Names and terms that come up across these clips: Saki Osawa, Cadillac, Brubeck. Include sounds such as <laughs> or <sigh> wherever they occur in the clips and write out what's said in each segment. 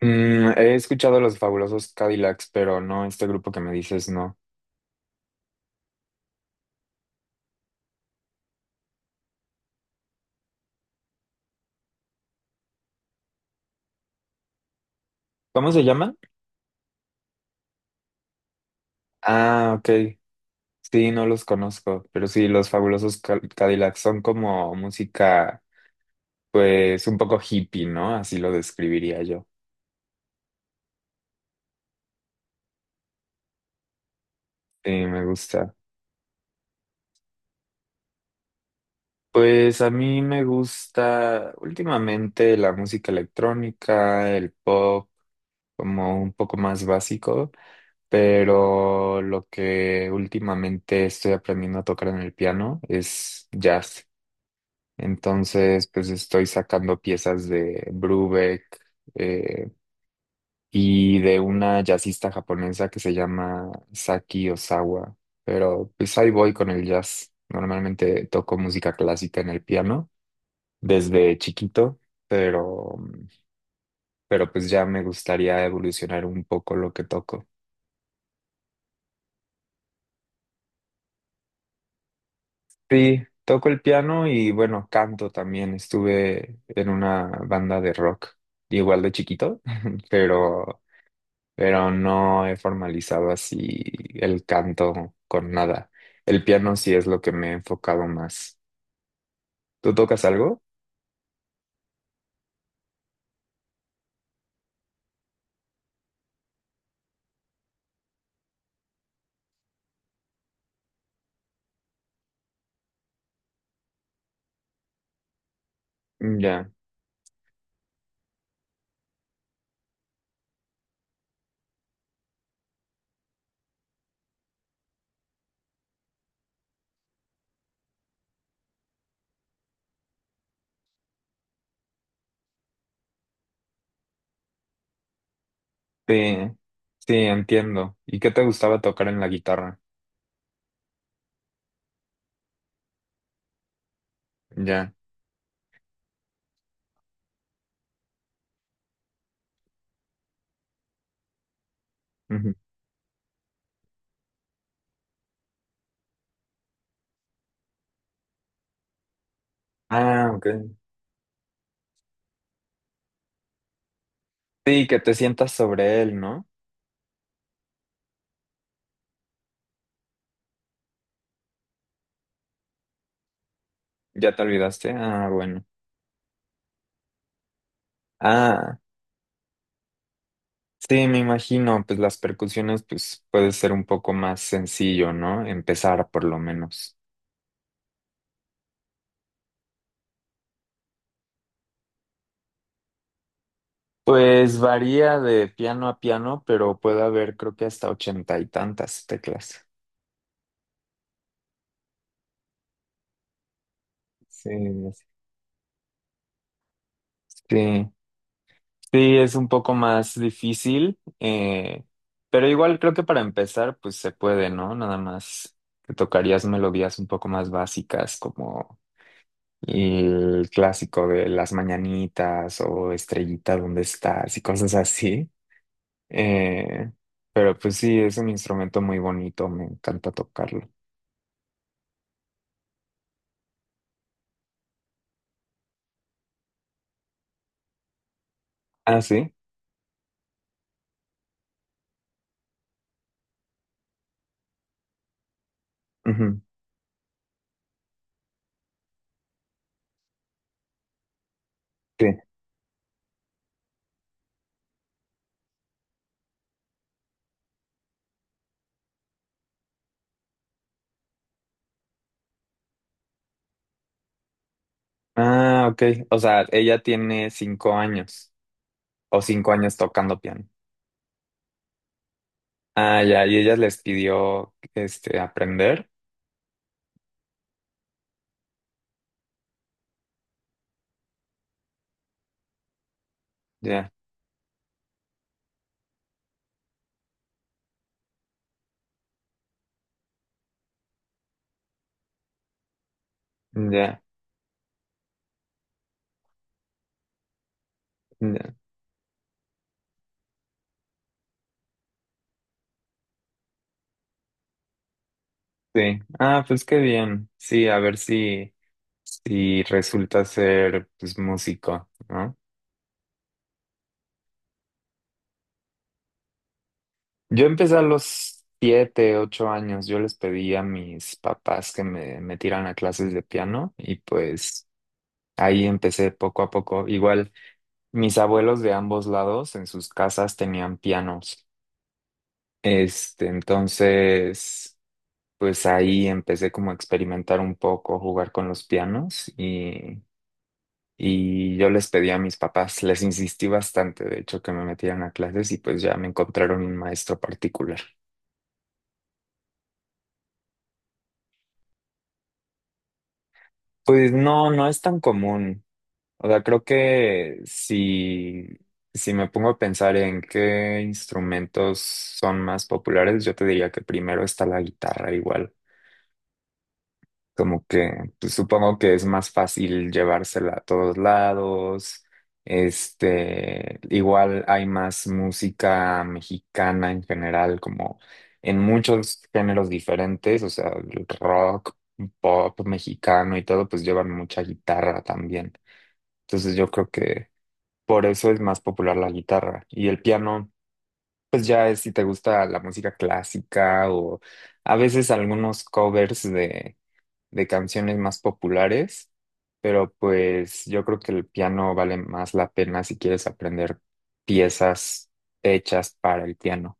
He escuchado los fabulosos Cadillacs, pero no, este grupo que me dices no. ¿Cómo se llama? Ah, ok. Sí, no los conozco, pero sí, los fabulosos Cadillacs son como música, pues un poco hippie, ¿no? Así lo describiría yo. Sí, me gusta. Pues a mí me gusta últimamente la música electrónica, el pop, como un poco más básico. Pero lo que últimamente estoy aprendiendo a tocar en el piano es jazz. Entonces, pues estoy sacando piezas de Brubeck eh, y de una jazzista japonesa que se llama Saki Osawa, pero pues ahí voy con el jazz. Normalmente toco música clásica en el piano desde chiquito, pero, pero pues ya me gustaría evolucionar un poco lo que toco. Sí, toco el piano y bueno, canto también. Estuve en una banda de rock, igual de chiquito, <laughs> pero, pero no he formalizado así el canto con nada. El piano sí es lo que me he enfocado más. ¿Tú tocas algo? Ya, sí, sí, entiendo. ¿Y qué te gustaba tocar en la guitarra? Ya. Ujú. Ah, ok. Sí, que te sientas sobre él, ¿no? ¿Ya te olvidaste? Ah, bueno. Ah. Sí, me imagino, pues las percusiones, pues puede ser un poco más sencillo, ¿no? Empezar por lo menos. Pues varía de piano a piano, pero puede haber creo que hasta ochenta y tantas teclas. Sí, sí, sí, es un poco más difícil, pero igual creo que para empezar, pues se puede, ¿no? Nada más te tocarías melodías un poco más básicas como el clásico de las mañanitas o estrellita, ¿dónde estás? Y cosas así. Eh, pero pues sí, es un instrumento muy bonito, me encanta tocarlo. Ah, sí. Ujú, sí. Ah, ok. O sea, ella tiene 5 años o 5 años tocando piano. Ah, ya, y ella les pidió este aprender. Ya, ya, ya. Sí. Ah, pues qué bien. Sí, a ver si, si resulta ser pues músico, ¿no? Yo empecé a los 7, 8 años. Yo les pedí a mis papás que me metieran a clases de piano y pues ahí empecé poco a poco. Igual mis abuelos de ambos lados en sus casas tenían pianos. Este, entonces, pues ahí empecé como a experimentar un poco, jugar con los pianos y yo les pedí a mis papás, les insistí bastante, de hecho, que me metieran a clases y pues ya me encontraron un maestro particular. Pues no, no es tan común. O sea, creo que si me pongo a pensar en qué instrumentos son más populares, yo te diría que primero está la guitarra igual. Como que pues, supongo que es más fácil llevársela a todos lados. Este, igual hay más música mexicana en general, como en muchos géneros diferentes, o sea, el rock, pop mexicano y todo, pues llevan mucha guitarra también. Entonces yo creo que por eso es más popular la guitarra. Y el piano, pues ya es si te gusta la música clásica o a veces algunos covers de canciones más populares, pero pues yo creo que el piano vale más la pena si quieres aprender piezas hechas para el piano.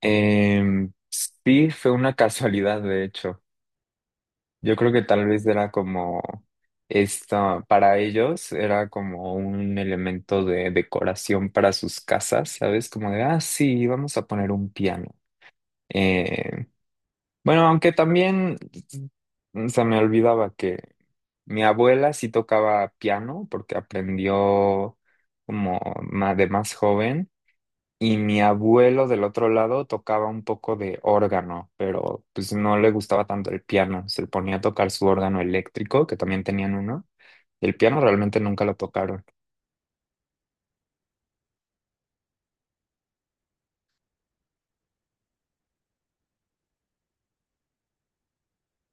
Sí, fue una <laughs> casualidad, de hecho. Yo creo que tal vez era como esta, para ellos era como un elemento de decoración para sus casas, ¿sabes? Como de, ah, sí, vamos a poner un piano. Eh, bueno, aunque también se me olvidaba que mi abuela sí tocaba piano porque aprendió como de más joven. Y mi abuelo del otro lado tocaba un poco de órgano, pero pues no le gustaba tanto el piano. Se ponía a tocar su órgano eléctrico, que también tenían uno. El piano realmente nunca lo tocaron.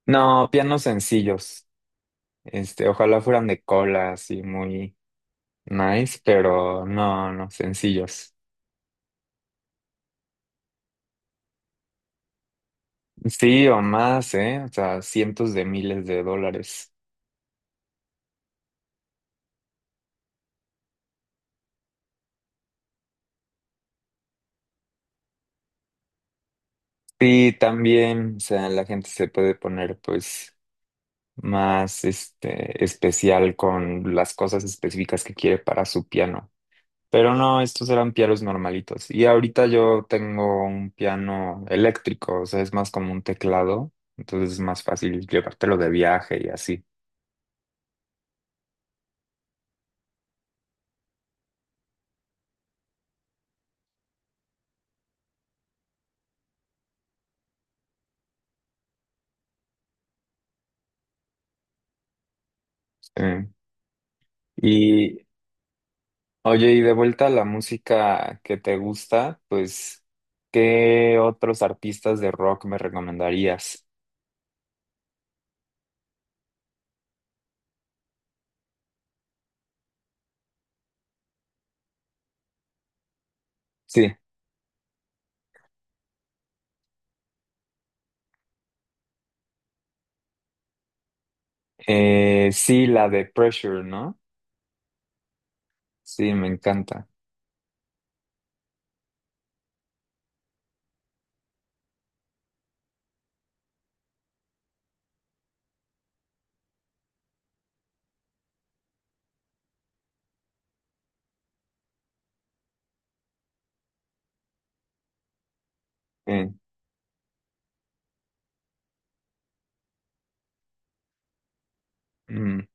No, pianos sencillos. Este, ojalá fueran de cola, así muy nice, pero no, no, sencillos. Sí, o más, ¿eh? O sea, cientos de miles de dólares. Sí, también, o sea, la gente se puede poner, pues. Más este, especial con las cosas específicas que quiere para su piano. Pero no, estos eran pianos normalitos. Y ahorita yo tengo un piano eléctrico, o sea, es más como un teclado, entonces es más fácil llevártelo de viaje y así. Eh, Y oye, y de vuelta a la música que te gusta, pues, ¿qué otros artistas de rock me recomendarías? Sí, sí, la de Pressure, ¿no? Sí, me encanta. Eh, mm.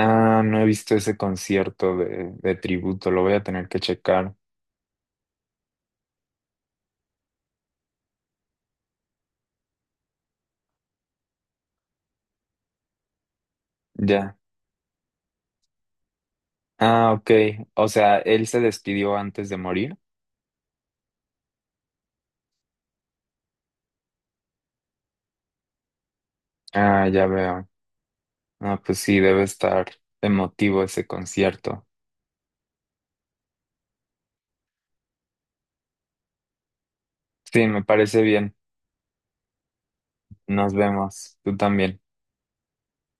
Ah, no he visto ese concierto de, tributo, lo voy a tener que checar. Ya. Ah, ok. O sea, él se despidió antes de morir. Ah, ya veo. Ah, pues sí, debe estar emotivo ese concierto. Sí, me parece bien. Nos vemos. Tú también.